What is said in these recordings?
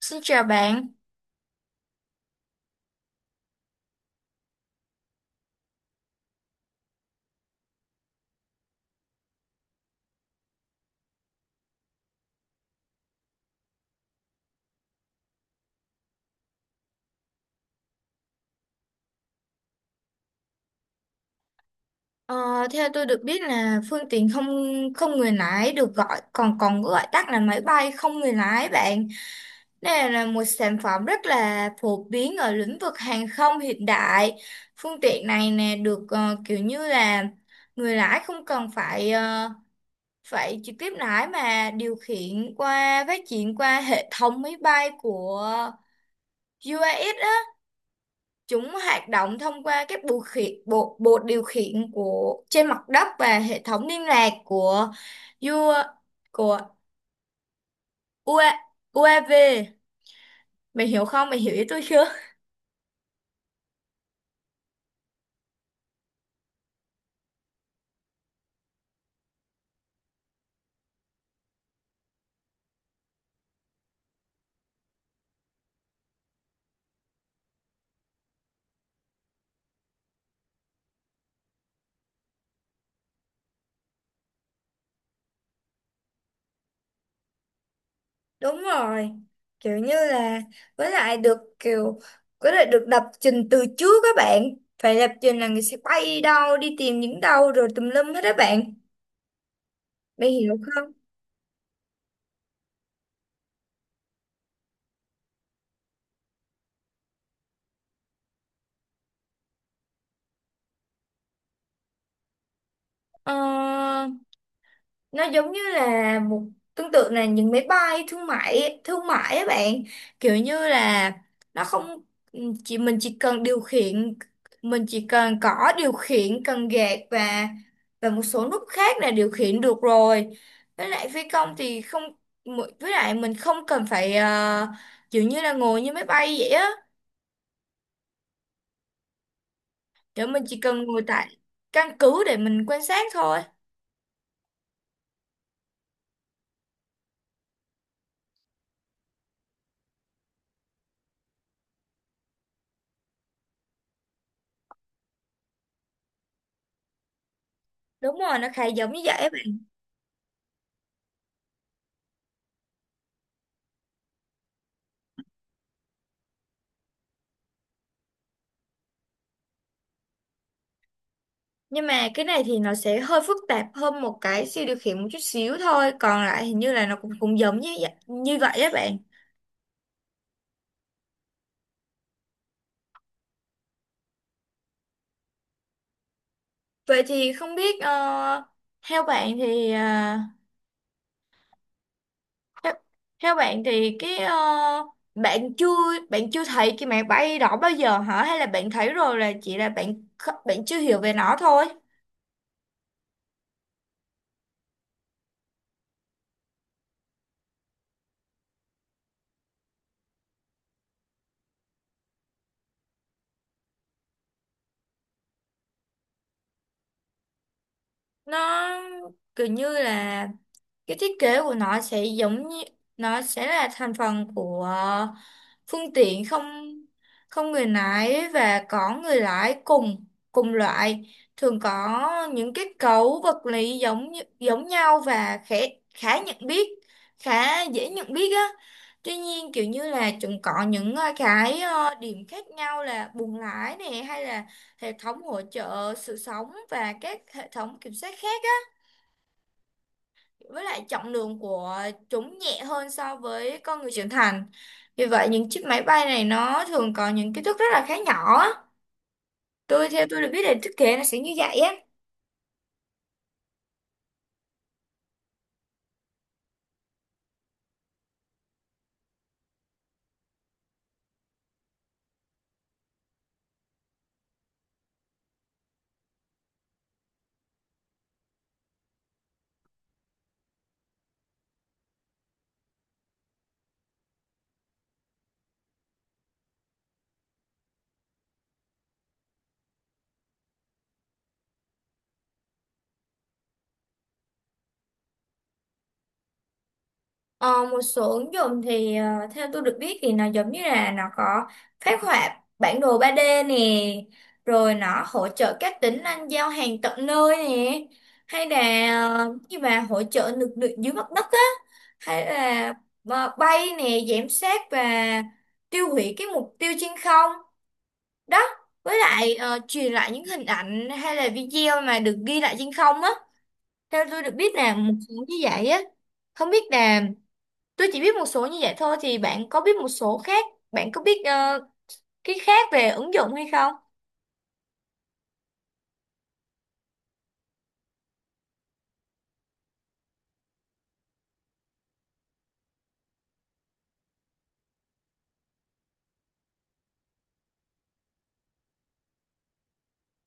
Xin chào bạn. Ờ, Theo tôi được biết là phương tiện không không người lái được gọi còn còn gọi tắt là máy bay không người lái bạn. Đây là một sản phẩm rất là phổ biến ở lĩnh vực hàng không hiện đại. Phương tiện này nè được kiểu như là người lái không cần phải trực tiếp lái mà điều khiển qua phát triển qua hệ thống máy bay của UAE. Chúng hoạt động thông qua các bộ điều khiển của trên mặt đất và hệ thống liên lạc của U, của UA, UAV. Mày hiểu không? Mày hiểu ý tôi chưa? Đúng rồi, kiểu như là với lại được kiểu với lại được lập trình từ trước các bạn. Phải lập trình là người sẽ bay đâu, đi tìm những đâu rồi tùm lum hết các bạn. Mày hiểu không? Ờ, nó giống như là tương tự là những máy bay thương mại ấy bạn, kiểu như là nó không, ừ, chỉ cần điều khiển, mình chỉ cần có điều khiển cần gạt và một số nút khác là điều khiển được rồi, với lại phi công thì không, với lại mình không cần phải, kiểu như là ngồi như máy bay vậy á, kiểu mình chỉ cần ngồi tại căn cứ để mình quan sát thôi. Đúng rồi, nó khá giống như vậy á. Nhưng mà cái này thì nó sẽ hơi phức tạp hơn một cái siêu điều khiển một chút xíu thôi. Còn lại hình như là nó cũng cũng giống như vậy á bạn. Vậy thì không biết, theo bạn thì, theo, theo bạn thì bạn chưa bạn chưa thấy cái máy bay đó bao giờ hả? Hay là bạn thấy rồi là chỉ là bạn chưa hiểu về nó thôi. Nó kiểu như là cái thiết kế của nó sẽ giống như nó sẽ là thành phần của, phương tiện không không người lái và có người lái cùng cùng loại thường có những kết cấu vật lý giống nhau và khẽ khá nhận biết khá dễ nhận biết á, tuy nhiên kiểu như là chúng có những, điểm khác nhau là buồng lái này hay là hệ thống hỗ trợ sự sống và các hệ thống kiểm soát khác á, với lại trọng lượng của chúng nhẹ hơn so với con người trưởng thành. Vì vậy những chiếc máy bay này nó thường có những kích thước rất là khá nhỏ. Á. Theo tôi được biết là thiết kế nó sẽ như vậy á. Ờ, Một số ứng dụng thì, theo tôi được biết thì nó giống như là nó có phác họa bản đồ 3D nè, rồi nó hỗ trợ các tính năng giao hàng tận nơi nè, hay là, như mà hỗ trợ lực lượng dưới mặt đất á, hay là, bay nè, giám sát và tiêu hủy cái mục tiêu trên không. Đó, với lại, truyền lại những hình ảnh hay là video mà được ghi lại trên không á. Theo tôi được biết là một số như vậy á. Không biết là Tôi chỉ biết một số như vậy thôi thì bạn có biết một số khác, bạn có biết, cái khác về ứng dụng hay không?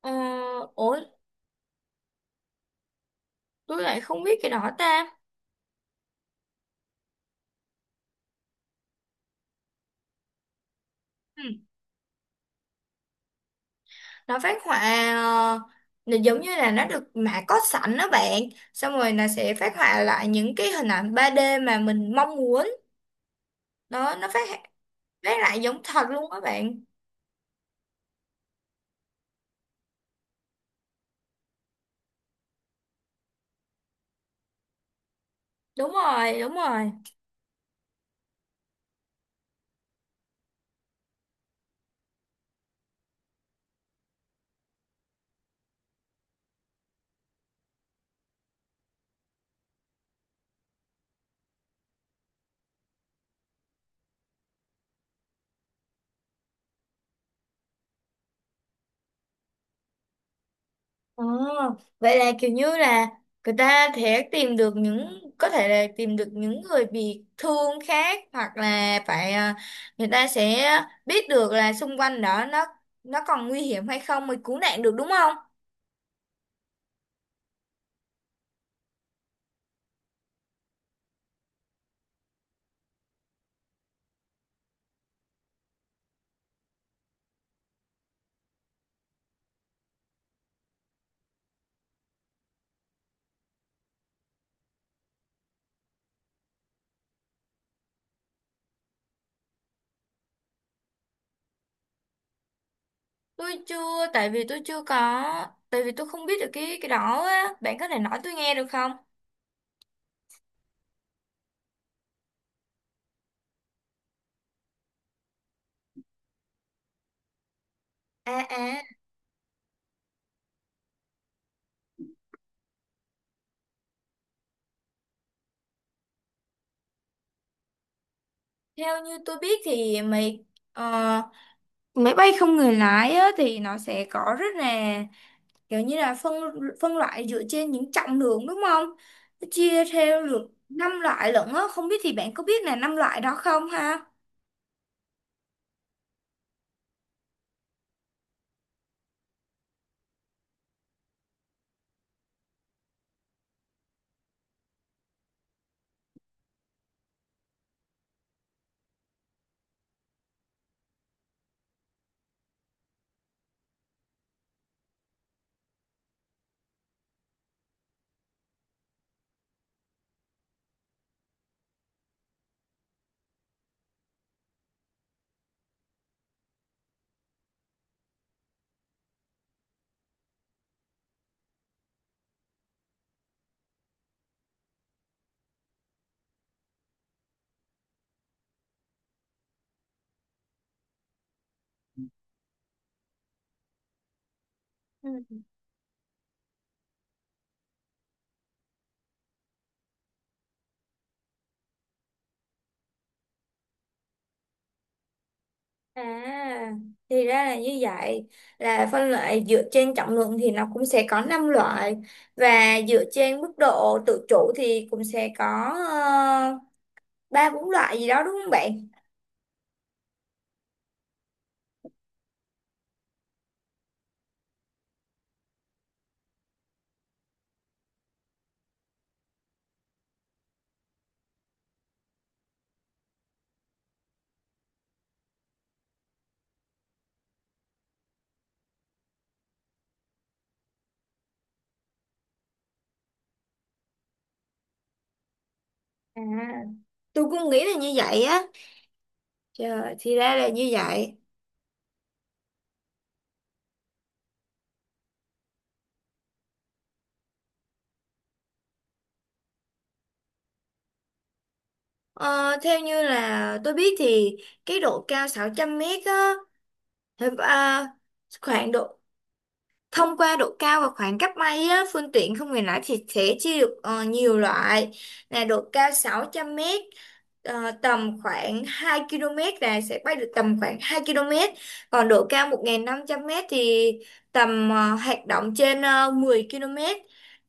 Ờ, Ủa, tôi lại không biết cái đó ta. Ừ. Nó phát họa, ờ, là giống như là nó được mã có sẵn đó bạn. Xong rồi nó sẽ phát họa lại những cái hình ảnh 3D mà mình mong muốn. Đó, nó phát phát lại giống thật luôn đó bạn. Đúng rồi, đúng rồi. Ồ, vậy là kiểu như là người ta sẽ tìm được có thể là tìm được những người bị thương khác hoặc là người ta sẽ biết được là xung quanh đó nó còn nguy hiểm hay không mới cứu nạn được đúng không? Tôi chưa, tại vì tôi chưa có, tại vì tôi không biết được cái đó á, bạn có thể nói tôi nghe được không? À à, theo như tôi biết thì ờ, máy bay không người lái á, thì nó sẽ có rất là kiểu như là phân phân loại dựa trên những trọng lượng đúng không? Nó chia theo được năm loại lận á, không biết thì bạn có biết là năm loại đó không ha? Ừ. À, thì ra là như vậy, là phân loại dựa trên trọng lượng thì nó cũng sẽ có 5 loại và dựa trên mức độ tự chủ thì cũng sẽ có, ờ, ba bốn loại gì đó đúng không bạn? À, tôi cũng nghĩ là như vậy á. Trời, thì ra là như vậy. Ờ, Theo như là tôi biết thì cái độ cao 600 mét á, thì, à, khoảng độ thông qua độ cao và khoảng cách bay á, phương tiện không người lái thì sẽ chia được, nhiều loại, là độ cao 600 mét, tầm khoảng 2 km là sẽ bay được tầm khoảng 2 km, còn độ cao 1.500 mét thì tầm, hoạt động trên, 10 km,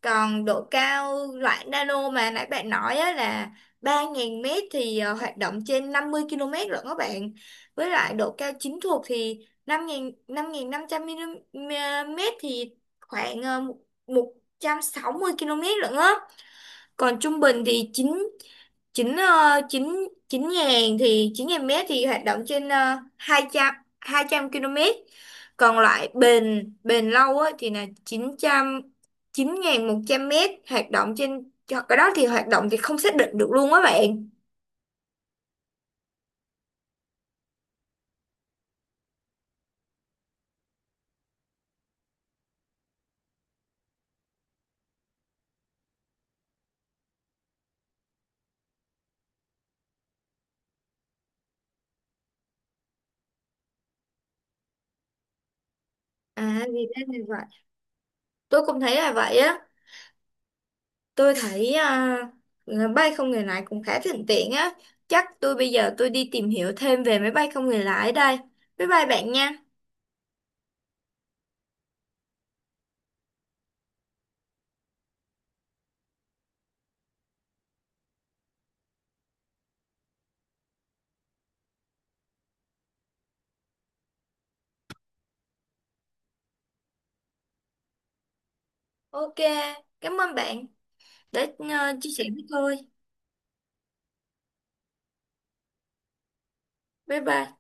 còn độ cao loại nano mà nãy bạn nói á, là 3.000 mét thì, hoạt động trên 50 km rồi các bạn, với lại độ cao chính thuộc thì năm nghìn năm trăm mét thì khoảng, một một km lận á, còn trung bình thì chín chín ờ, chín chín ngàn thì 9.000 mét thì hoạt động trên, 200 km, còn loại bền bền lâu á thì là 9.100 mét hoạt động cho cái đó thì hoạt động thì không xác định được luôn á bạn. À, vì thế này vậy. Tôi cũng thấy là vậy á. Tôi thấy à, bay không người lái cũng khá thuận tiện á. Chắc tôi bây giờ đi tìm hiểu thêm về máy bay không người lái đây. Bye bye bạn nha. Ok, cảm ơn bạn đã, chia sẻ với tôi. Bye bye.